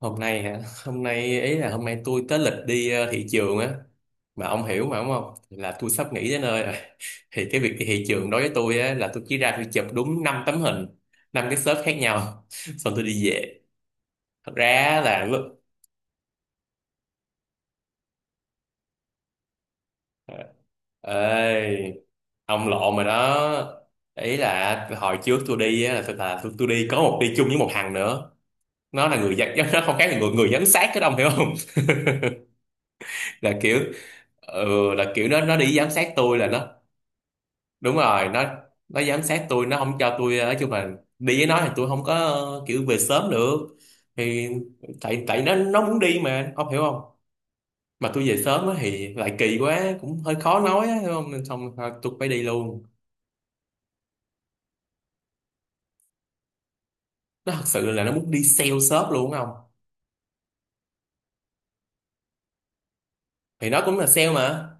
Hôm nay hả? Hôm nay ý là hôm nay tôi tới lịch đi thị trường á. Mà ông hiểu mà, đúng không, là tôi sắp nghỉ tới nơi rồi. Thì cái việc đi thị trường đối với tôi á là tôi chỉ ra tôi chụp đúng 5 tấm hình, 5 cái shop khác nhau. Xong tôi đi về. Thật ra là lúc ờ, ê, ông lộn rồi đó. Ý là hồi trước tôi đi á, là tôi đi có một đi chung với một thằng nữa. Nó là người giám- nó không khác là người người giám sát, cái ông hiểu không? Là kiểu, ừ, là kiểu nó đi giám sát tôi, là nó. Đúng rồi. Nó giám sát tôi, nó không cho tôi, nói chung là đi với nó thì tôi không có, kiểu về sớm được. Thì tại tại nó muốn đi, mà ông hiểu không? Mà tôi về sớm á thì lại kỳ quá, cũng hơi khó nói á, hiểu không, nên xong thôi tôi phải đi luôn. Nó thật sự là nó muốn đi sale shop luôn không. Thì nó cũng là sale mà.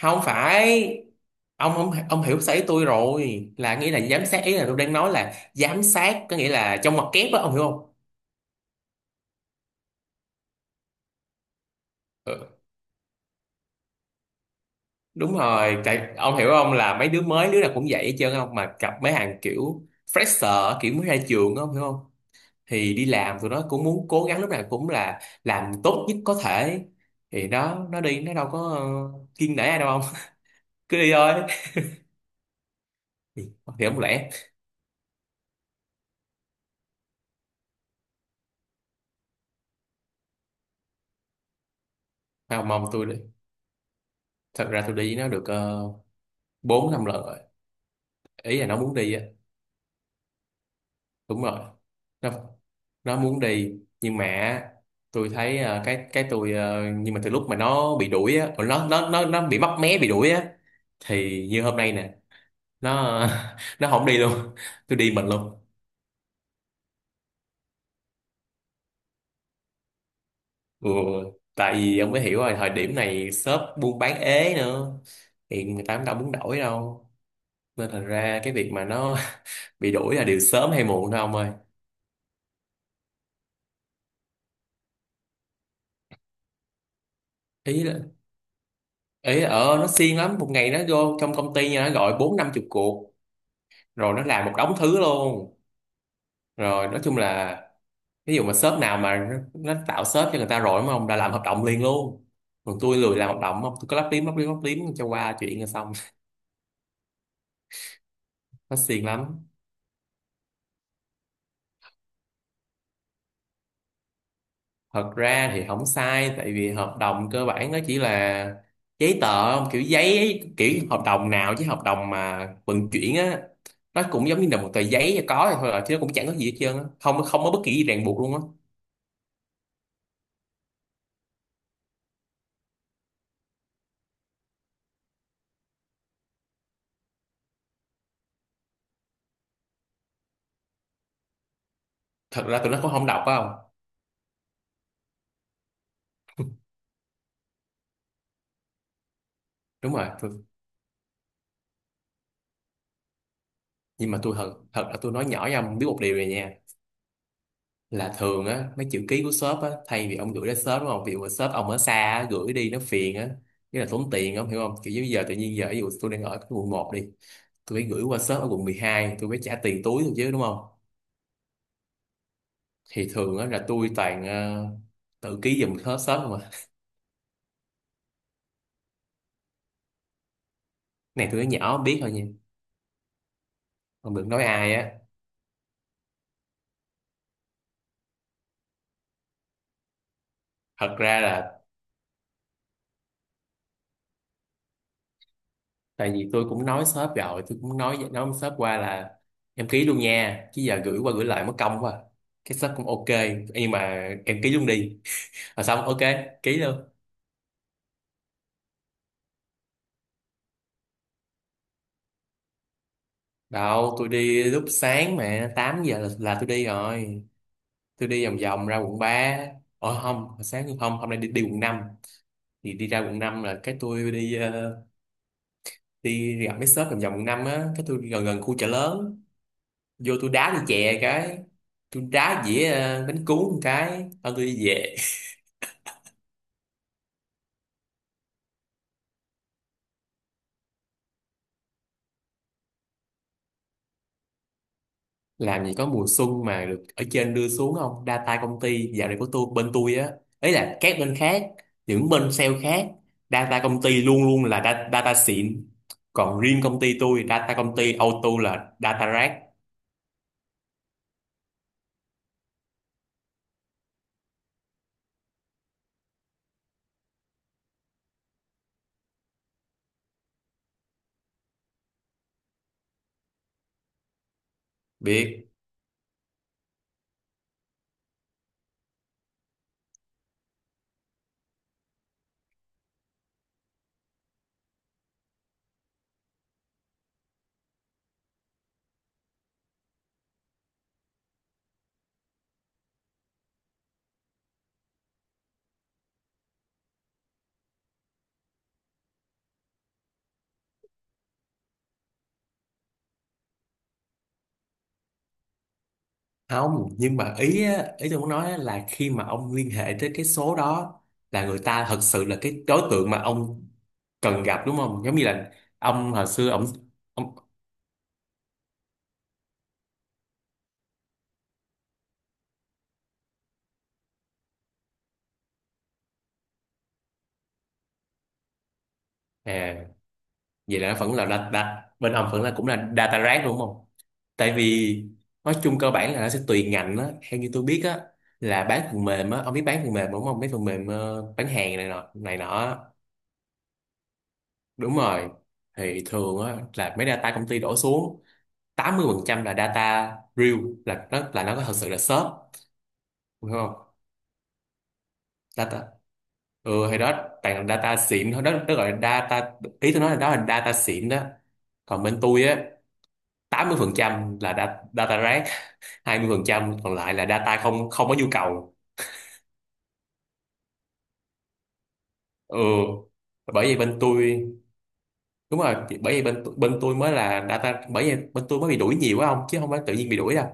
Không phải, ông không, ông hiểu sấy tôi rồi, là nghĩa là giám sát, ý là tôi đang nói là giám sát có nghĩa là trong mặt kép á, ông hiểu không? Ừ, đúng rồi, tại ông hiểu không, là mấy đứa mới đứa nào cũng vậy hết trơn không, mà gặp mấy hàng kiểu fresher, kiểu mới ra trường á, ông hiểu không? Thì đi làm tụi nó cũng muốn cố gắng, lúc nào cũng là làm tốt nhất có thể. Thì nó đi, nó đâu có kiêng nể ai đâu ông. Cứ đi thôi. Thì, thì không lẽ, mà mong tôi đi, thật ra tôi đi nó được, uh, 4 5 lần rồi, ý là nó muốn đi á. Đúng rồi, nó nó muốn đi, nhưng mà tôi thấy, cái tôi nhưng mà từ lúc mà nó bị đuổi á, còn nó bị móc mé bị đuổi á. Thì như hôm nay nè, nó nó không đi luôn, tôi đi mình luôn. Ừ, tại vì ông mới hiểu rồi, thời điểm này shop buôn bán ế nữa. Thì người ta cũng đâu muốn đổi đâu. Nên thành ra cái việc mà nó bị đuổi là điều sớm hay muộn thôi ông ơi. Ý là ý là ờ nó siêng lắm, một ngày nó vô trong công ty nha, nó gọi 40 50 cuộc. Rồi nó làm một đống thứ luôn. Rồi nói chung là ví dụ mà shop nào mà nó tạo shop cho người ta rồi đúng không, đã làm hợp đồng liền luôn. Còn tôi lười làm hợp đồng không, tôi cứ lắp liếm lắp liếm lắp liếm cho qua chuyện là xong. Nó xiên lắm. Thật ra thì không sai, tại vì hợp đồng cơ bản nó chỉ là giấy tờ không? Kiểu giấy, kiểu hợp đồng nào chứ hợp đồng mà vận chuyển á, nó cũng giống như là một tờ giấy và có thôi à, chứ nó cũng chẳng có gì hết trơn á, không không có bất kỳ gì ràng buộc luôn á. Thật ra tụi nó cũng không đọc phải không. Đúng rồi, nhưng mà tôi thật thật là tôi nói nhỏ với ông biết một điều này nha. Là thường á mấy chữ ký của shop á, thay vì ông gửi đến shop đúng không, ví dụ mà shop ông ở xa á, gửi đi nó phiền á. Nghĩa là tốn tiền, ông hiểu không, kiểu như giờ tự nhiên giờ ví dụ tôi đang ở cái quận 1 đi. Tôi phải gửi qua shop ở quận 12, tôi phải trả tiền túi thôi chứ đúng không. Thì thường á là tôi toàn tự ký giùm shop shop không à. Này tôi nói nhỏ biết thôi nha, ông đừng nói ai á. Thật ra là tại vì tôi cũng nói shop rồi, tôi cũng nói với shop qua là em ký luôn nha, chứ giờ gửi qua gửi lại mất công quá. Cái shop cũng ok. Nhưng mà em ký luôn đi, rồi xong, ok, ký luôn. Đâu, tôi đi lúc sáng mà, 8 giờ là tôi đi rồi. Tôi đi vòng vòng ra quận 3, không hồi sáng, nhưng không, hôm nay đi quận 5, thì đi ra quận 5 là cái tôi đi, đi gặp mấy shop vòng vòng quận 5 á, cái tôi gần gần khu Chợ Lớn. Vô tôi đá đi chè, cái tôi đá dĩa bánh cuốn một cái, thôi tôi đi về. Làm gì có mùa xuân mà được ở trên đưa xuống không, data công ty dạo này của tôi bên tôi á, ấy là các bên khác, những bên sale khác data công ty luôn luôn là data, xịn. Còn riêng công ty tôi data công ty auto là data rác. Biết không, nhưng mà ý á, ý tôi muốn nói á là khi mà ông liên hệ tới cái số đó là người ta thật sự là cái đối tượng mà ông cần gặp đúng không, giống như là ông hồi xưa ông, à, vậy là nó vẫn là đặt đặt bên ông vẫn là cũng là data rác đúng không. Tại vì nói chung cơ bản là nó sẽ tùy ngành á, theo như tôi biết á, là bán phần mềm á, ông biết bán phần mềm đúng không, mấy phần mềm bán hàng này nọ á. Đúng rồi thì thường á là mấy data công ty đổ xuống 80% là data real, là nó có thật sự là shop đúng không, data. Ừ thì đó, toàn là data xịn thôi, đó đó gọi là data. Ý tôi nói là đó là data xịn đó. Còn bên tôi á 80% là data rác. 20% còn lại là data không không có nhu cầu. Ừ bởi vậy bên tôi. Đúng rồi, thì bởi vậy bên bên tôi mới là data, bởi vậy bên tôi mới bị đuổi nhiều quá ông, chứ không phải tự nhiên bị đuổi đâu.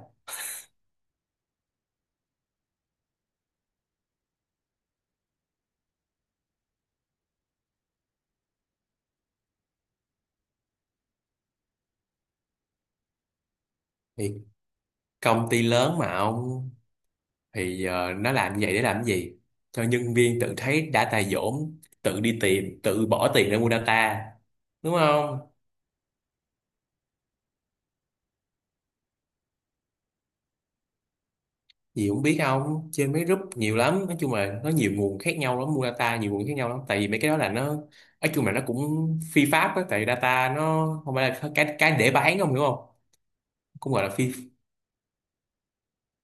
Thì công ty lớn mà ông, thì nó làm như vậy để làm cái gì, cho nhân viên tự thấy data dỗm, tự đi tìm, tự bỏ tiền để mua data, đúng không. Gì cũng biết không, trên mấy group nhiều lắm, nói chung là nó nhiều nguồn khác nhau lắm, mua data nhiều nguồn khác nhau lắm, tại vì mấy cái đó là nó nói chung là nó cũng phi pháp á, tại vì data nó không phải là cái để bán không, hiểu không? Cũng gọi là phi,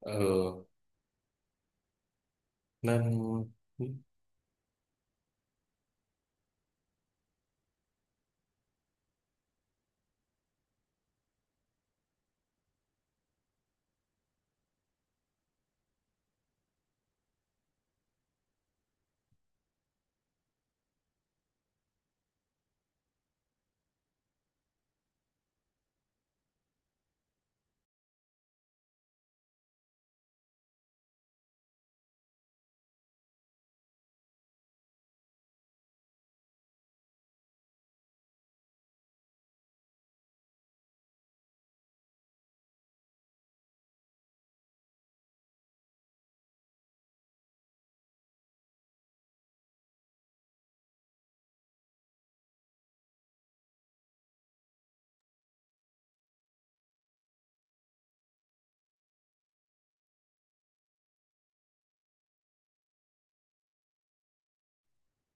ờ, nên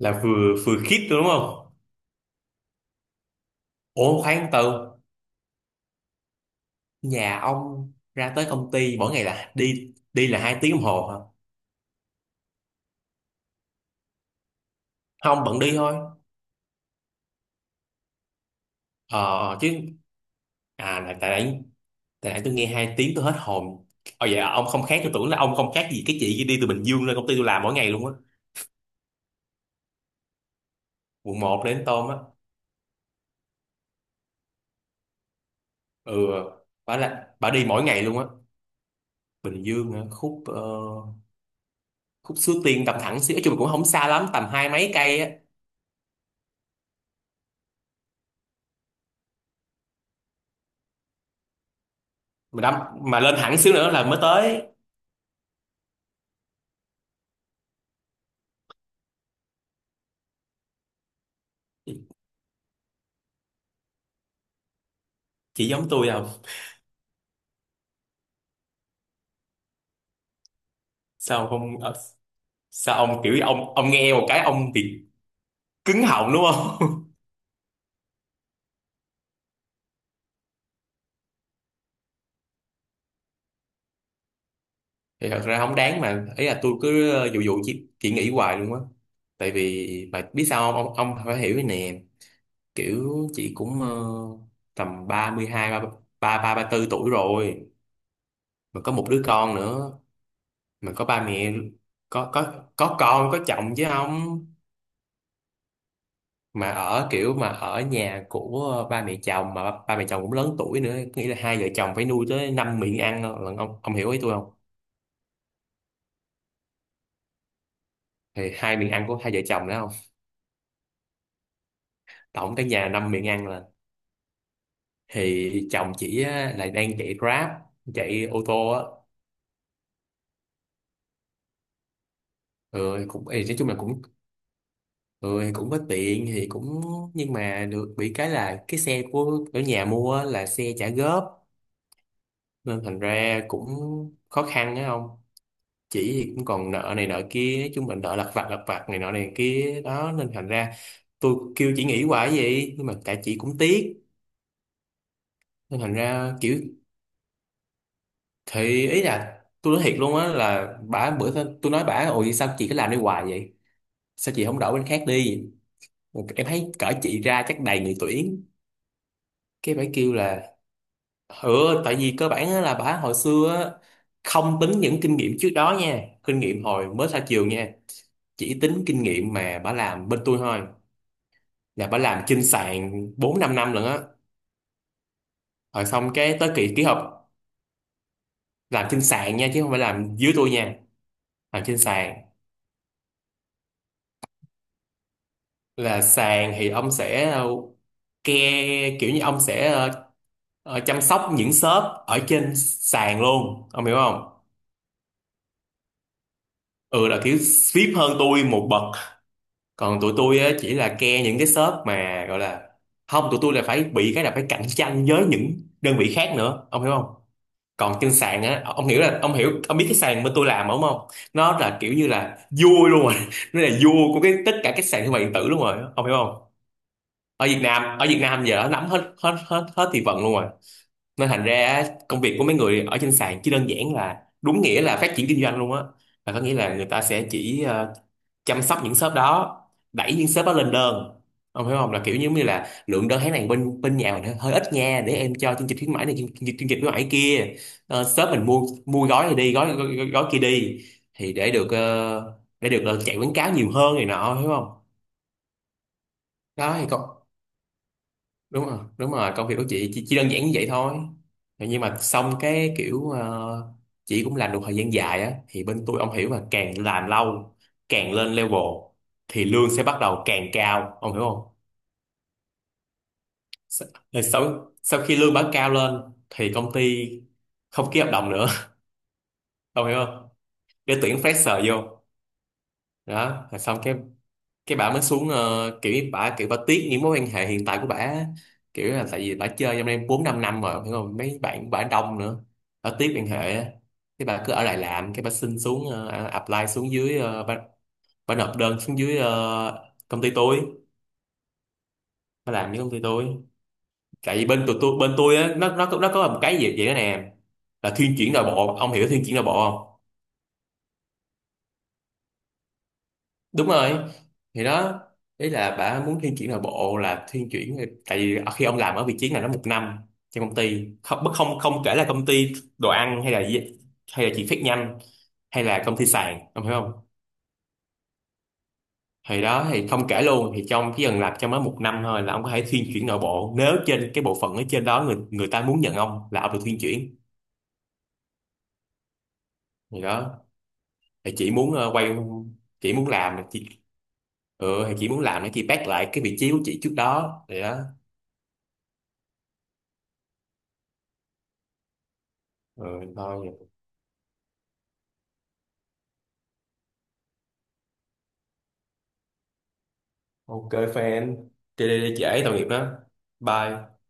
là vừa vừa khít đúng không. Ủa khoan, từ nhà ông ra tới công ty mỗi ngày là đi đi là 2 tiếng đồng hồ hả? Không, bận đi thôi. Ờ chứ, à, là tại đấy, tại nãy tôi nghe 2 tiếng tôi hết hồn. Ồ vậy à, ông không khác, tôi tưởng là ông không khác gì cái chị kia đi từ Bình Dương lên công ty tôi làm mỗi ngày luôn á. Quận một đến Tôm á. Ừ, bà là bà đi mỗi ngày luôn á. Bình Dương hả? Khúc Suối Tiên tầm thẳng xíu, nói chung là cũng không xa lắm, tầm hai mấy cây á. mà đâm mà lên thẳng xíu nữa là mới tới. Chị giống tôi không? Sao không ờ, Sao ông kiểu ông nghe một cái ông bị cứng họng đúng không? Thì thật ra không đáng, mà ý là tôi cứ dụ dụ chỉ nghĩ hoài luôn á. Tại vì mà biết sao không, ông phải hiểu cái nè, kiểu chị cũng tầm 32, ba ba ba ba tư tuổi rồi, mà có một đứa con nữa, mà có ba mẹ, có con có chồng chứ không, mà ở kiểu mà ở nhà của ba mẹ chồng, mà ba mẹ chồng cũng lớn tuổi nữa, nghĩa là hai vợ chồng phải nuôi tới năm miệng ăn lận, ông hiểu ý tôi không? Thì hai miệng ăn của hai vợ chồng đó không, tổng cái nhà năm miệng ăn. Thì chồng chị á, là đang chạy Grab, chạy ô tô á. Ừ, cũng thì nói chung là cũng, ừ, thì cũng có tiện thì cũng, nhưng mà được bị cái là cái xe của ở nhà mua á, là xe trả góp, nên thành ra cũng khó khăn á. Không chỉ thì cũng còn nợ này nợ kia, nói chung là nợ lặt vặt này nọ này kia đó, nên thành ra tôi kêu chị nghỉ hoài vậy nhưng mà tại chị cũng tiếc, nên thành ra kiểu. Thì ý là tôi nói thiệt luôn á là bả bữa, tôi nói bả, ôi sao chị cứ làm đi hoài vậy, sao chị không đổi bên khác đi, em thấy cỡ chị ra chắc đầy người tuyển. Cái bả kêu là, ừ tại vì cơ bản á là bà hồi xưa á, không tính những kinh nghiệm trước đó nha, kinh nghiệm hồi mới ra trường nha, chỉ tính kinh nghiệm mà bà làm bên tôi thôi, là bà làm trên sàn 4 5 năm lận á. Rồi xong cái tới kỳ ký hợp, làm trên sàn nha chứ không phải làm dưới tôi nha. Làm trên sàn là, sàn thì ông sẽ ke kiểu như ông sẽ chăm sóc những shop ở trên sàn luôn, ông hiểu không? Ừ, là kiểu vip hơn tôi một bậc. Còn tụi tôi á, chỉ là ke những cái shop mà gọi là, không, tụi tôi là phải bị cái là phải cạnh tranh với những đơn vị khác nữa, ông hiểu không? Còn trên sàn á, ông hiểu là ông hiểu ông biết cái sàn bên tôi làm đúng không, nó là kiểu như là vua luôn rồi nó là vua của cái tất cả các sàn thương mại điện tử luôn rồi, ông hiểu không? Ở Việt Nam giờ nó nắm hết hết hết hết thị phần luôn rồi, nên thành ra á, công việc của mấy người ở trên sàn chỉ đơn giản là đúng nghĩa là phát triển kinh doanh luôn á, là có nghĩa là người ta sẽ chỉ chăm sóc những shop đó, đẩy những shop đó lên đơn. Ông hiểu không, là kiểu giống như là lượng đơn tháng này bên bên nhà mình hơi ít nha, để em cho chương trình khuyến mãi này, chương trình khuyến mãi kia. Shop mình mua mua gói này đi, gói gói kia đi, thì để được chạy quảng cáo nhiều hơn này nọ, hiểu không? Đó thì con. Đúng rồi, đúng rồi, công việc của chị chỉ đơn giản như vậy thôi. Nhưng mà xong cái kiểu chị cũng làm được thời gian dài á thì bên tôi ông hiểu, mà càng làm lâu càng lên level thì lương sẽ bắt đầu càng cao, ông hiểu không? Sa- Rồi sau sau khi lương bán cao lên thì công ty không ký hợp đồng nữa ông hiểu không? Để tuyển fresher vô. Đó rồi xong cái bà mới xuống kiểu như, kiểu bà tiếc những mối quan hệ hiện tại của bà, kiểu là tại vì bà chơi trong đây bốn năm năm rồi hiểu không, mấy bạn của bà đông nữa, bà tiếc quan hệ á. Cái bà cứ ở lại làm, cái bà xin xuống apply xuống dưới bà nộp đơn xuống dưới công ty tôi, bà làm với công ty tôi. Tại vì bên tụi tôi, bên tôi á, nó có một cái gì vậy đó nè, là thuyên chuyển nội bộ, ông hiểu thuyên chuyển nội bộ. Đúng rồi, thì đó, đấy là bà muốn thiên chuyển nội bộ, là thiên chuyển. Tại vì khi ông làm ở vị trí này nó một năm trong công ty, không bất- không không kể là công ty đồ ăn hay là chỉ phát nhanh, hay là công ty sàn, ông hiểu không? Thì đó thì không kể luôn, thì trong chỉ cần làm trong mới một năm thôi là ông có thể thiên chuyển nội bộ, nếu trên cái bộ phận ở trên đó người người ta muốn nhận ông, là ông được thiên chuyển. Thì đó thì chị muốn quay, chị muốn làm chị, ừ thì chị muốn làm để chị back lại cái vị trí của chị trước đó, thì đó. Ừ, thôi. Ok fan. Đi đi đi trễ tội nghiệp đó. Bye.